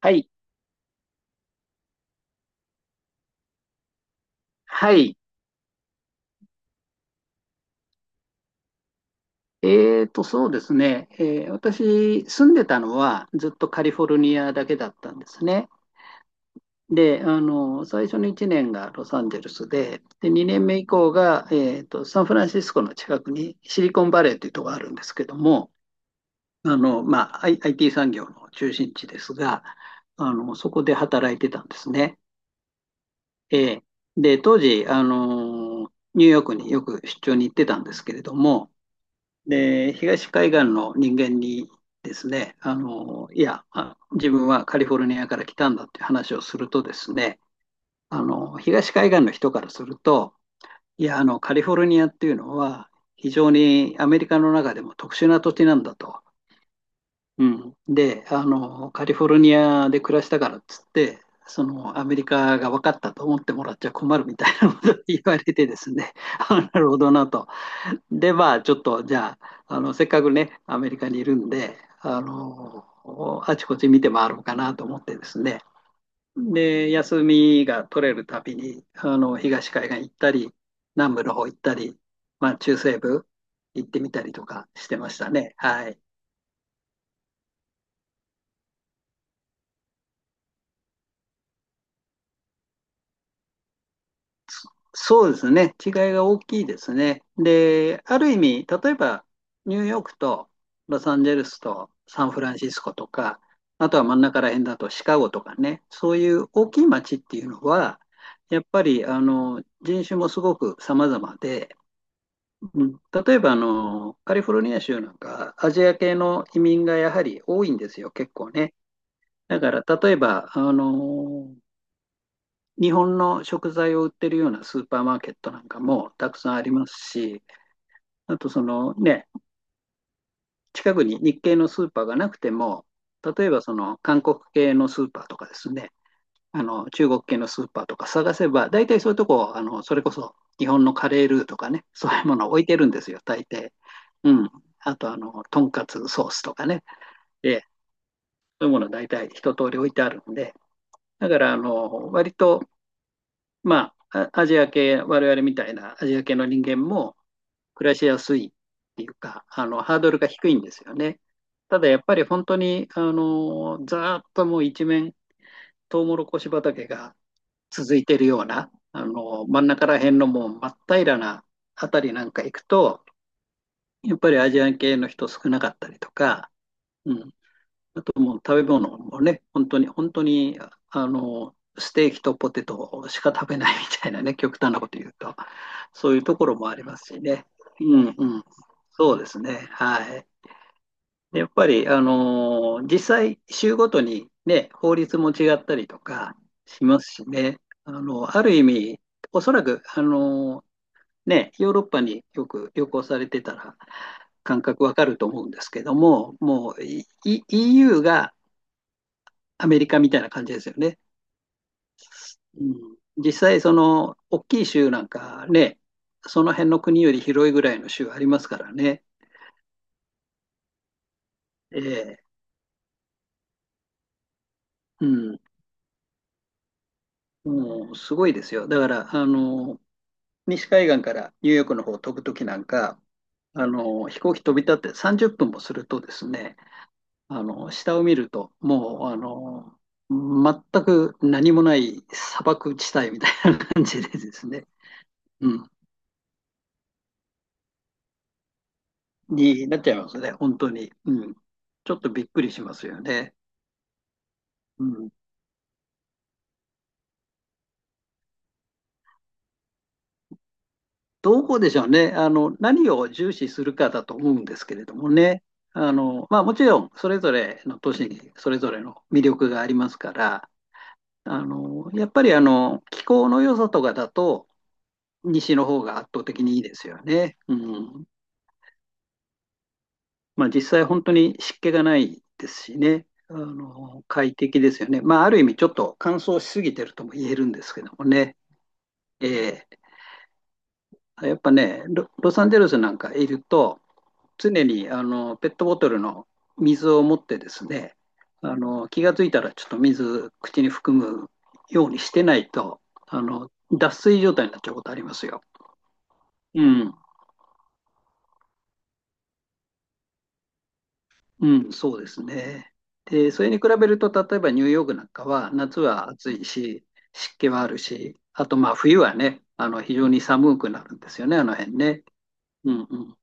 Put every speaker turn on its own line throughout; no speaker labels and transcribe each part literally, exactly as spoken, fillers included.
はい。はい。えーと、そうですね。えー私、住んでたのはずっとカリフォルニアだけだったんですね。で、あの、最初のいちねんがロサンゼルスで、で、にねんめ以降が、えーと、サンフランシスコの近くにシリコンバレーというところがあるんですけども、あの、まあ、I- アイティー 産業の中心地ですが、あの、そこで働いてたんですね。えーで、当時、あの、ニューヨークによく出張に行ってたんですけれども、で、東海岸の人間にですね、あの、いや、あ自分はカリフォルニアから来たんだっていう話をするとですね、あの、東海岸の人からすると、いや、あの、カリフォルニアっていうのは、非常にアメリカの中でも特殊な土地なんだと。うん、で、あの、カリフォルニアで暮らしたからっつって、そのアメリカが分かったと思ってもらっちゃ困るみたいなことを言われてですね、あなるほどなと。で、まあ、ちょっと、じゃあ、あの、せっかくね、アメリカにいるんで、あの、あちこち見て回ろうかなと思ってですね。で、休みが取れるたびに、あの、東海岸行ったり、南部の方行ったり、まあ、中西部行ってみたりとかしてましたね。はい。そうですね。違いが大きいですね。で、ある意味、例えばニューヨークとロサンゼルスとサンフランシスコとか、あとは真ん中ら辺だとシカゴとかね、そういう大きい街っていうのは、やっぱりあの人種もすごく様々で、うん、例えばあのカリフォルニア州なんかアジア系の移民がやはり多いんですよ、結構ね。だから例えばあの日本の食材を売ってるようなスーパーマーケットなんかもたくさんありますし、あとそのね、近くに日系のスーパーがなくても、例えばその韓国系のスーパーとかですね、あの中国系のスーパーとか探せば、大体そういうとこ、あのそれこそ日本のカレールーとかね、そういうものを置いてるんですよ、大抵。うん。あと、あの、とんかつソースとかね、で、そういうもの大体一通り置いてあるんで、だから、あの、割とまあ、アジア系、我々みたいなアジア系の人間も暮らしやすいっていうか、あの、ハードルが低いんですよね。ただやっぱり本当に、あの、ざーっともう一面、トウモロコシ畑が続いてるような、あの、真ん中ら辺のもう真っ平らなあたりなんか行くと、やっぱりアジア系の人少なかったりとか、うん、あともう食べ物もね、本当に、本当に、あの、ステーキとポテトしか食べないみたいなね、極端なこと言うと、そういうところもありますしね。うんうん。そうですね。はい。でやっぱり、あの、実際、州ごとにね、法律も違ったりとかしますしね。あの、ある意味、おそらく、あの、ね、ヨーロッパによく旅行されてたら、感覚わかると思うんですけども、もういい イーユー がアメリカみたいな感じですよね。うん、実際、その大きい州なんかね、その辺の国より広いぐらいの州ありますからね。ええうん、もうすごいですよ。だから、あの、西海岸からニューヨークの方を飛ぶときなんか、あの、飛行機飛び立ってさんじゅっぷんもするとですね、あの、下を見ると、もう、あの、全く何もない砂漠地帯みたいな感じでですね、うん、になっちゃいますね、本当に。うん。ちょっとびっくりしますよね。うん。どこでしょうね。あの、何を重視するかだと思うんですけれどもね。あの、まあもちろん、それぞれの都市にそれぞれの魅力がありますから、あの、やっぱりあの、気候の良さとかだと、西の方が圧倒的にいいですよね。うん。まあ実際本当に湿気がないですしね。あの、快適ですよね。まあある意味ちょっと乾燥しすぎてるとも言えるんですけどもね。ええやっぱね、ロ、ロサンゼルスなんかいると、常にあのペットボトルの水を持ってですね、あの気がついたらちょっと水口に含むようにしてないと、あの脱水状態になっちゃうことありますよ。うん、うん、そうですね。で、それに比べると、例えばニューヨークなんかは夏は暑いし、湿気はあるし、あとまあ冬はね、あの非常に寒くなるんですよね、あの辺ね。うんうん、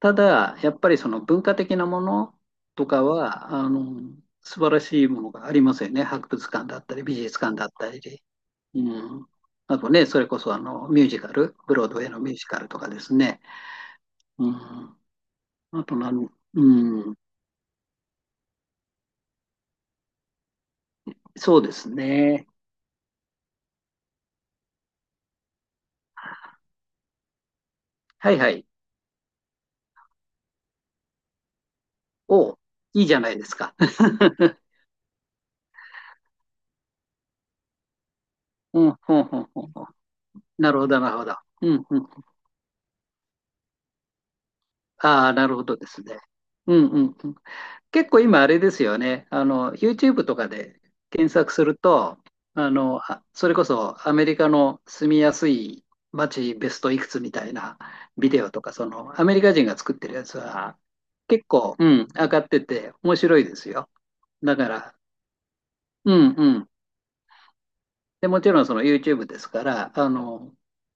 ただ、やっぱりその文化的なものとかは、あの、素晴らしいものがありますよね。博物館だったり、美術館だったり。うん。あとね、それこそあの、ミュージカル、ブロードウェイのミュージカルとかですね。うん。あとなん、うん。そうですね。はいはい。お、いいじゃないですか。うん、ほんほんほんほん。なるほど、なるほど。うん、うん。ああ、なるほどですね。うん、うん、うん。結構今あれですよね。あの、YouTube とかで検索すると、あの、あそれこそアメリカの住みやすい街ベストいくつみたいなビデオとか、そのアメリカ人が作ってるやつは結構、うん、上がってて面白いですよ。だから、うんうん。で、もちろんその YouTube ですから、あの、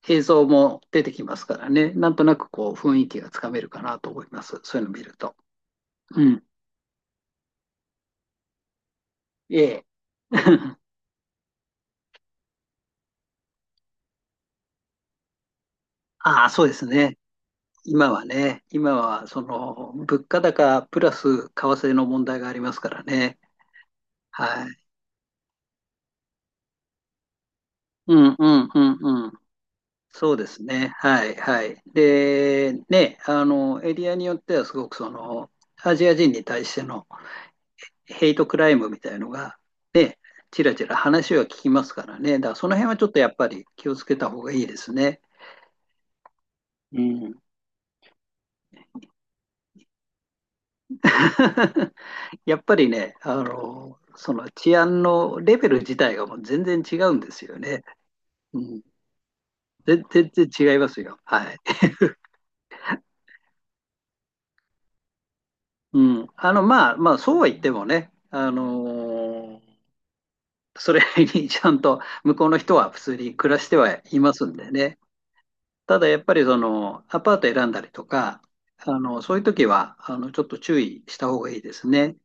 映像も出てきますからね。なんとなくこう雰囲気がつかめるかなと思います。そういうの見ると。うん。ええ。ああ、そうですね。今はね、今はその物価高プラス為替の問題がありますからね。はい。うんうんうんうん。そうですね。はいはい。で、ね、あの、エリアによってはすごくその、アジア人に対してのヘイトクライムみたいのが、ね、ちらちら話は聞きますからね。だからその辺はちょっとやっぱり気をつけた方がいいですね。うん。やっぱりね、あの、その治安のレベル自体がもう全然違うんですよね。うん、全然違いますよ。はい。うん。あの、まあ、まあ、そうは言ってもね、あのーそれにちゃんと向こうの人は普通に暮らしてはいますんでね。ただやっぱりそのアパート選んだりとか、あのそういう時はあのちょっと注意した方がいいですね。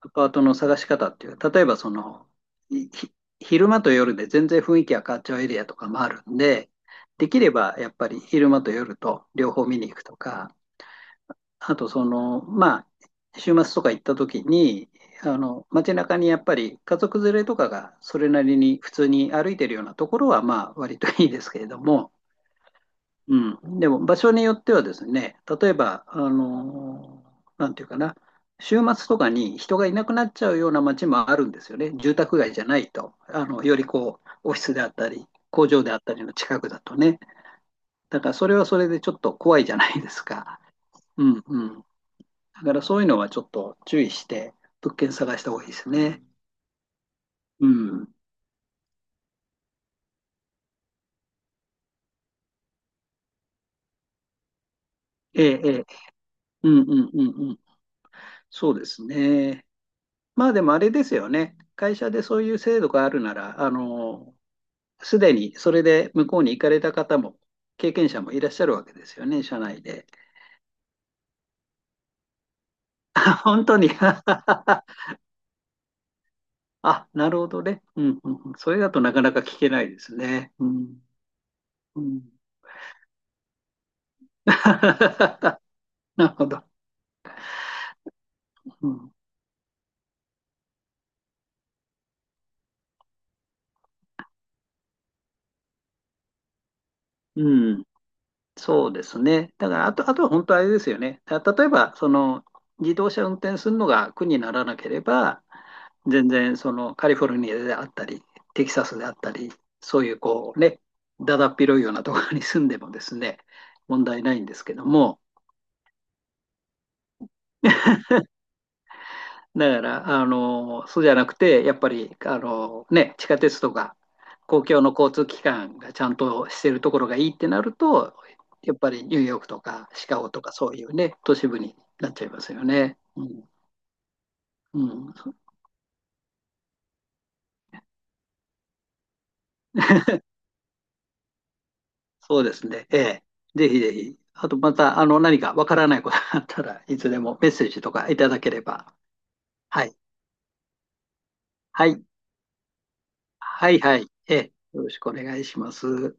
アパートの探し方っていう、例えばそのひ昼間と夜で全然雰囲気が変わっちゃうエリアとかもあるんで、できればやっぱり昼間と夜と両方見に行くとか、あとその、まあ、週末とか行った時に、あの、街中にやっぱり家族連れとかがそれなりに普通に歩いてるようなところは、まあ、割といいですけれども、うん。でも、場所によってはですね、例えば、あの、なんていうかな、週末とかに人がいなくなっちゃうような街もあるんですよね。住宅街じゃないと。あの、よりこう、オフィスであったり、工場であったりの近くだとね。だから、それはそれでちょっと怖いじゃないですか。うんうん。だからそういうのはちょっと注意して物件探した方がいいですね。うん。ええ、ええ。うんうんうんうん。そうですね。まあでもあれですよね。会社でそういう制度があるなら、あの、すでにそれで向こうに行かれた方も、経験者もいらっしゃるわけですよね、社内で。本当に あ、なるほどね。うんうんうん。それだとなかなか聞けないですね。うん。うん。なるほど。うん。うん、そうですね。だから、あと、あとは本当あれですよね。た例えば、その、自動車運転するのが苦にならなければ、全然、その、カリフォルニアであったり、テキサスであったり、そういう、こうね、だだっ広いようなところに住んでもですね、問題ないんですけども、だから、あの、そうじゃなくて、やっぱり、あの、ね、地下鉄とか、公共の交通機関がちゃんとしてるところがいいってなると、やっぱりニューヨークとかシカゴとかそういうね、都市部になっちゃいますよね。うん、うん、そそうですね。ええ、ぜひぜひ。あと、また、あの、何かわからないことがあったらいつでもメッセージとかいただければ。はい。はい。はい、はい。ええ、よろしくお願いします。